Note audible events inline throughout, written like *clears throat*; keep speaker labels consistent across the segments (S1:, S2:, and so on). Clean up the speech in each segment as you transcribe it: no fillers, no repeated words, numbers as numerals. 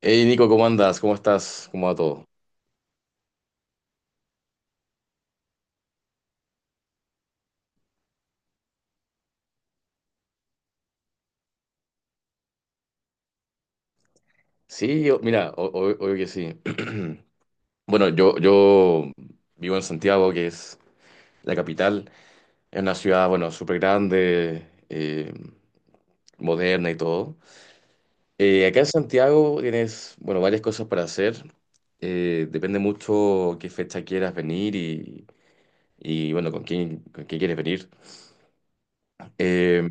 S1: Hey Nico, ¿cómo andas? ¿Cómo estás? ¿Cómo va todo? Sí, mira, obvio que sí. *clears throat* Bueno, yo vivo en Santiago, que es la capital. Es una ciudad, bueno, súper grande, moderna y todo. Acá en Santiago tienes, bueno, varias cosas para hacer. Depende mucho qué fecha quieras venir y, bueno, con quién quieres venir. Eh,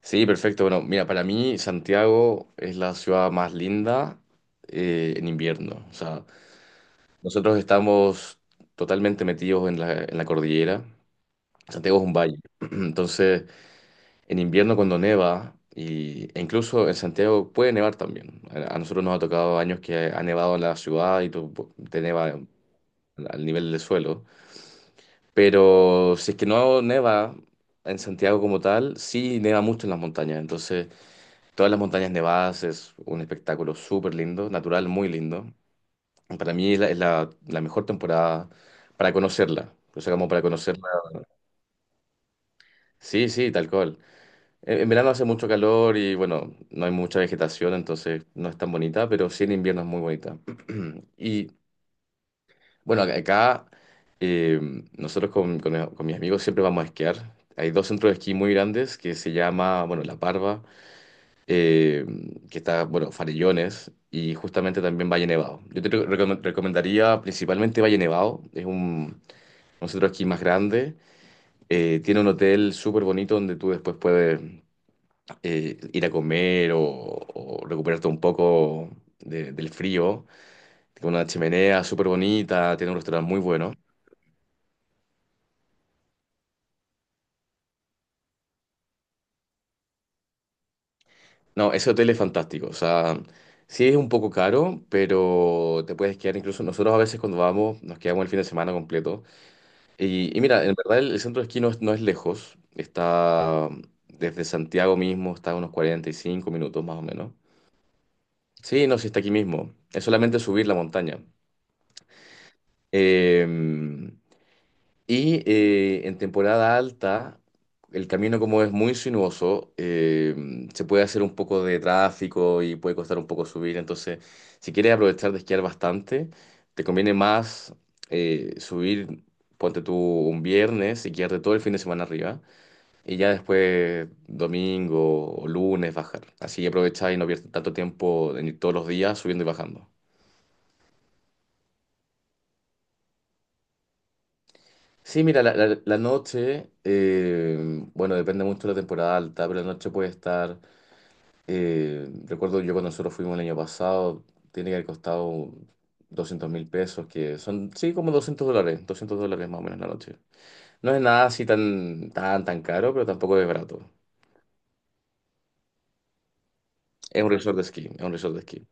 S1: Sí, perfecto. Bueno, mira, para mí Santiago es la ciudad más linda en invierno. O sea, nosotros estamos totalmente metidos en la cordillera. Santiago es un valle. *clears throat* Entonces, en invierno cuando neva, e incluso en Santiago puede nevar también. A nosotros nos ha tocado años que ha nevado en la ciudad y tú, te neva al nivel del suelo. Pero si es que no neva en Santiago como tal, sí neva mucho en las montañas. Entonces, todas las montañas nevadas es un espectáculo súper lindo, natural, muy lindo. Para mí es la mejor temporada para conocerla. O sea, como para conocerla. Sí, sí, tal cual. En verano hace mucho calor y bueno, no hay mucha vegetación, entonces no es tan bonita, pero sí en invierno es muy bonita. *clears throat* Y bueno, acá eh, nosotros con mis amigos siempre vamos a esquiar. Hay dos centros de esquí muy grandes que se llama, bueno, La Parva eh, que está, bueno, Farellones y justamente también Valle Nevado. Yo te recomendaría principalmente Valle Nevado, es un centro de esquí más grande, tiene un hotel súper bonito donde tú después puedes ir a comer o recuperarte un poco del frío, tiene una chimenea súper bonita, tiene un restaurante muy bueno. No, ese hotel es fantástico, o sea. Sí, es un poco caro, pero te puedes quedar incluso. Nosotros a veces cuando vamos nos quedamos el fin de semana completo. Y mira, en verdad el centro de esquí no es lejos, está desde Santiago mismo, está a unos 45 minutos más o menos. Sí, no, sí está aquí mismo, es solamente subir la montaña. Eh, y en temporada alta, el camino como es muy sinuoso, se puede hacer un poco de tráfico y puede costar un poco subir, entonces si quieres aprovechar de esquiar bastante, te conviene más subir, ponte tú un viernes y quedarte todo el fin de semana arriba. Y ya después, domingo o lunes, bajar. Así que aprovecháis y no pierdes tanto tiempo en ir todos los días subiendo y bajando. Sí, mira, la noche, bueno, depende mucho de la temporada alta, pero la noche puede estar, recuerdo yo cuando nosotros fuimos el año pasado, tiene que haber costado 200.000 pesos, que son, sí, como $200, $200 más o menos la noche. No es nada así tan, tan, tan caro, pero tampoco es barato. Es un resort de esquí, es un resort de esquí.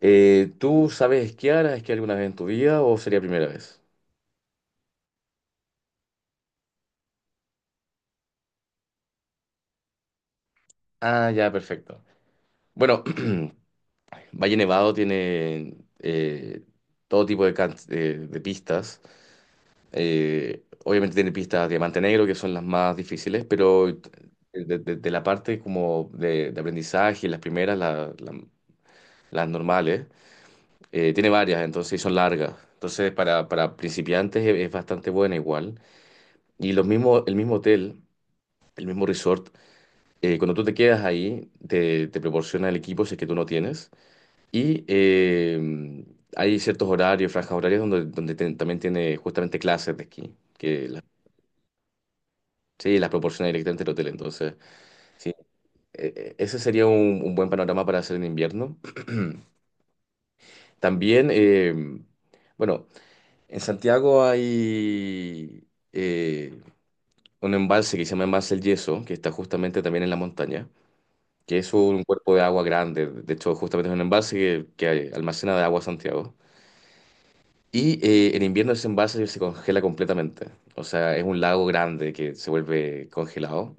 S1: ¿Tú sabes esquiar? ¿Has esquiado alguna vez en tu vida o sería primera vez? Ah, ya, perfecto. Bueno, *clears throat* Valle Nevado tiene todo tipo de pistas. Obviamente tiene pistas Diamante Negro, que son las más difíciles, pero de, de la parte como de aprendizaje, las primeras, las normales, tiene varias, entonces y son largas. Entonces para principiantes es bastante buena igual. Y el mismo hotel, el mismo resort. Cuando tú te quedas ahí, te proporciona el equipo si es que tú no tienes. Y hay ciertos horarios, franjas horarias, también tiene justamente clases de esquí, que las, sí, las proporciona directamente el hotel. Entonces, sí, ese sería un buen panorama para hacer en invierno. También, bueno, en Santiago hay eh, un embalse que se llama Embalse El Yeso, que está justamente también en la montaña, que es un cuerpo de agua grande. De hecho justamente es un embalse que almacena de agua Santiago. Y en invierno ese embalse se congela completamente, o sea, es un lago grande que se vuelve congelado.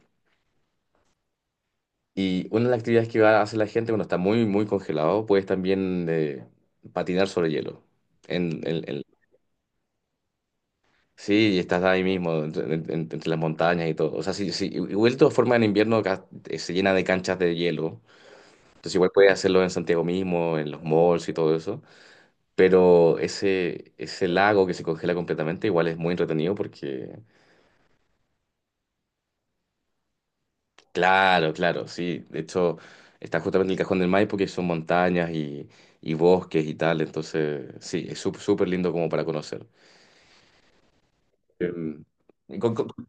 S1: Y una de las actividades que va a hacer la gente cuando está muy, muy congelado, puedes también patinar sobre hielo. En, en- en- sí, y estás ahí mismo, entre las montañas y todo. O sea, sí, sí, igual de todas formas en invierno acá, se llena de canchas de hielo. Entonces igual puedes hacerlo en Santiago mismo, en los malls y todo eso. Pero ese lago que se congela completamente igual es muy entretenido. Porque, claro, claro, sí. De hecho, está justamente el Cajón del Maipo, que son montañas y bosques y tal. Entonces, sí, es súper lindo como para conocer. Em, con- con-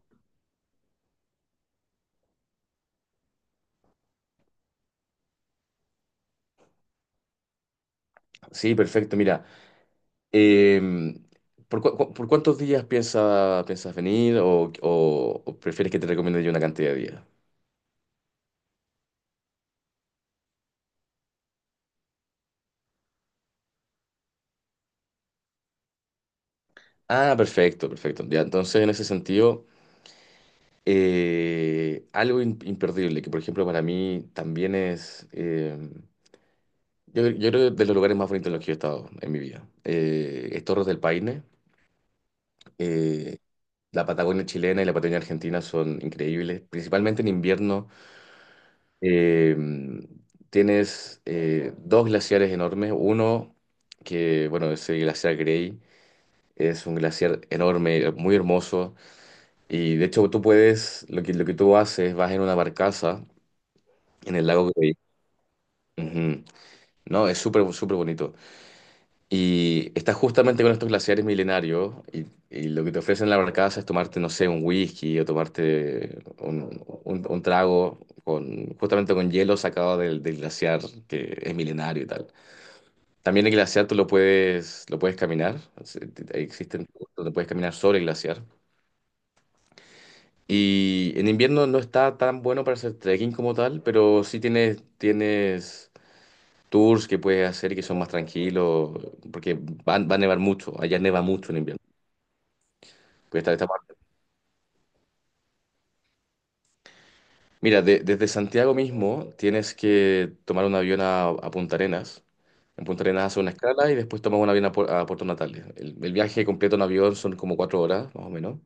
S1: sí, perfecto. Mira, em, por cuántos días piensas venir o, o prefieres que te recomiende yo una cantidad de días? Ah, perfecto, perfecto. Ya, entonces, en ese sentido. Algo imperdible, que por ejemplo para mí también yo creo que de los lugares más bonitos en los que yo he estado en mi vida, es Torres del Paine. Eh, la Patagonia chilena y la Patagonia argentina son increíbles, principalmente en invierno. eh, Tienes dos glaciares enormes, uno que, bueno, es el glaciar Grey, es un glaciar enorme, muy hermoso, y de hecho tú puedes, lo que tú haces, vas en una barcaza en el lago Grey. Ujú. No, es súper, súper bonito. Y estás justamente con estos glaciares milenarios y lo que te ofrecen en la barcaza es tomarte, no sé, un whisky o tomarte un, un trago justamente con hielo sacado del glaciar que es milenario y tal. También el glaciar tú lo puedes caminar. Es- Existen donde puedes caminar sobre el glaciar. Y en invierno no está tan bueno para hacer trekking como tal, pero sí tienes, tienes tours que puedes hacer que son más tranquilos, porque va a nevar mucho, allá neva mucho en invierno. Puedes estar- estar- Mira, desde Santiago mismo tienes que tomar un avión a Punta Arenas. En Punta Arenas hace una escala y después tomas un avión a, a Puerto Natales. El viaje completo en avión son como 4 horas, más o menos,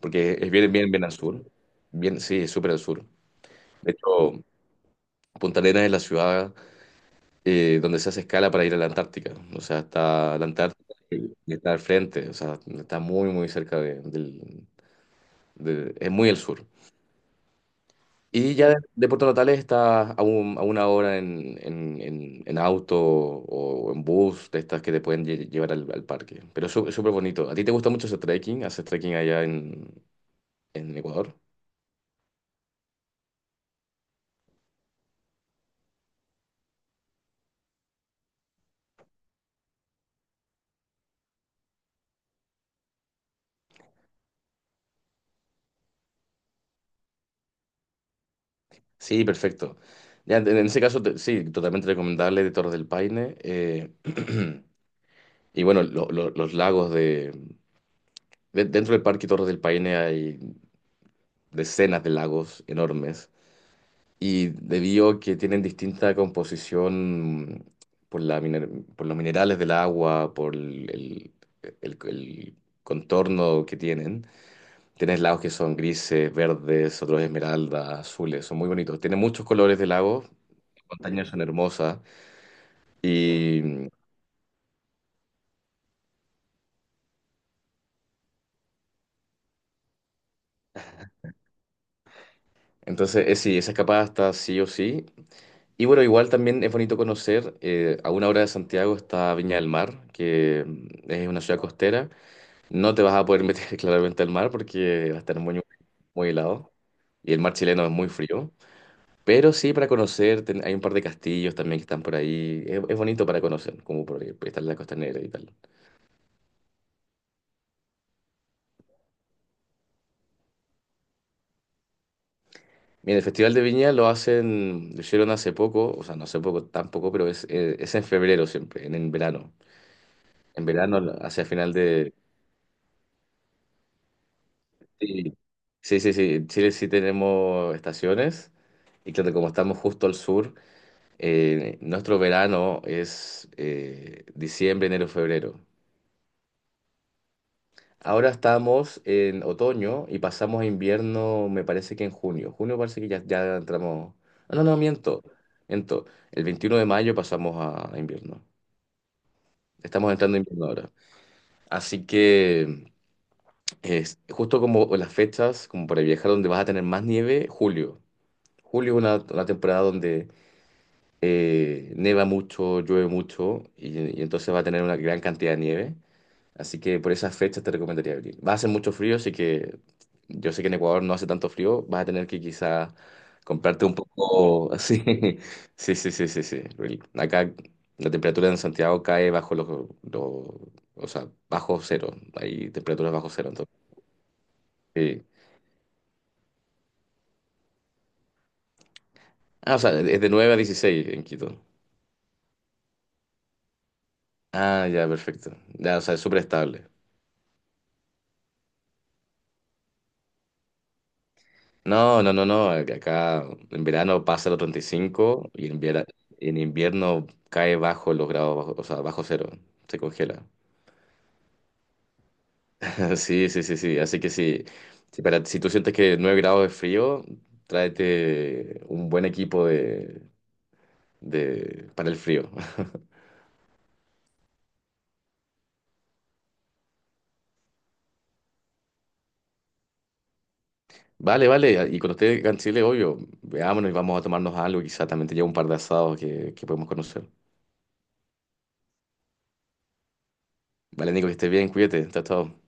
S1: porque es bien, bien, bien al sur. Bien, sí, es súper al sur. De hecho, Punta Arenas es la ciudad donde se hace escala para ir a la Antártica. O sea, está la Antártica y está al frente, o sea, está muy, muy cerca es muy al sur. Y ya de Puerto Natales está a, a una hora en, en auto o en bus, de estas que te pueden llevar al, al parque. Pero es súper bonito. ¿A ti te gusta mucho ese trekking? ¿Haces trekking allá en Ecuador? Sí, perfecto. Ya, en ese caso, sí, totalmente recomendable de Torres del Paine. *clears throat* Y bueno, los lagos dentro del Parque Torres del Paine hay decenas de lagos enormes y debido a que tienen distinta composición, por por los minerales del agua, por el, el contorno que tienen, tienes lagos que son grises, verdes, otros esmeraldas, azules, son muy bonitos. Tiene muchos colores de lagos, montañas son hermosas y, entonces sí, esa escapada está sí o sí. Y bueno, igual también es bonito conocer, a una hora de Santiago está Viña del Mar, que, es una ciudad costera. No te vas a poder meter *laughs* claramente al mar porque va a estar muy, muy helado y el mar chileno es muy frío. Pero sí, para conocer, hay un par de castillos también que están por ahí. Es bonito para conocer, como por estar en la costanera y tal. Mira, el Festival de Viña lo hacen, lo hicieron hace poco, o sea, no hace poco tampoco, pero es en febrero siempre, en verano. En verano, hacia final. Sí, sí, sí, sí. En Chile sí tenemos estaciones y claro, como estamos justo al sur, nuestro verano es diciembre, enero, febrero. Ahora estamos en otoño y pasamos a invierno, me parece que en junio. Junio parece que ya entramos. Ah, no, no, miento, miento. El 21 de mayo pasamos a invierno. Estamos entrando en invierno ahora. Así que es justo como las fechas, como para viajar donde vas a tener más nieve, julio. Julio es una temporada donde neva mucho, llueve mucho y entonces va a tener una gran cantidad de nieve. Así que por esas fechas te recomendaría abril. Va a hacer mucho frío, así que yo sé que en Ecuador no hace tanto frío. Vas a tener que quizá comprarte un poco así. *laughs* Sí, sí, sí, sí, sí. Will. Acá la temperatura en Santiago cae bajo los, los- o sea, bajo cero. Hay temperaturas bajo cero. Entonces, sí. Ah, o sea, es de 9 a 16 en Quito. Ah, ya, perfecto. Ya, o sea, es súper estable. No, no, no, no. Acá en verano pasa los 35 y en invierno cae bajo los grados, o sea, bajo cero. Se congela. *laughs* Sí, sí, sí, sí. Así que sí, si, si tú sientes que 9 grados es frío, tráete un buen equipo para el frío. *laughs* Vale, vale. Y cuando esté acá en Chile, obvio, veámonos y vamos a tomarnos algo. Quizá también te llevo un par de asados que podemos conocer. Vale, Nico, que estés bien, cuídate. Chao, chao.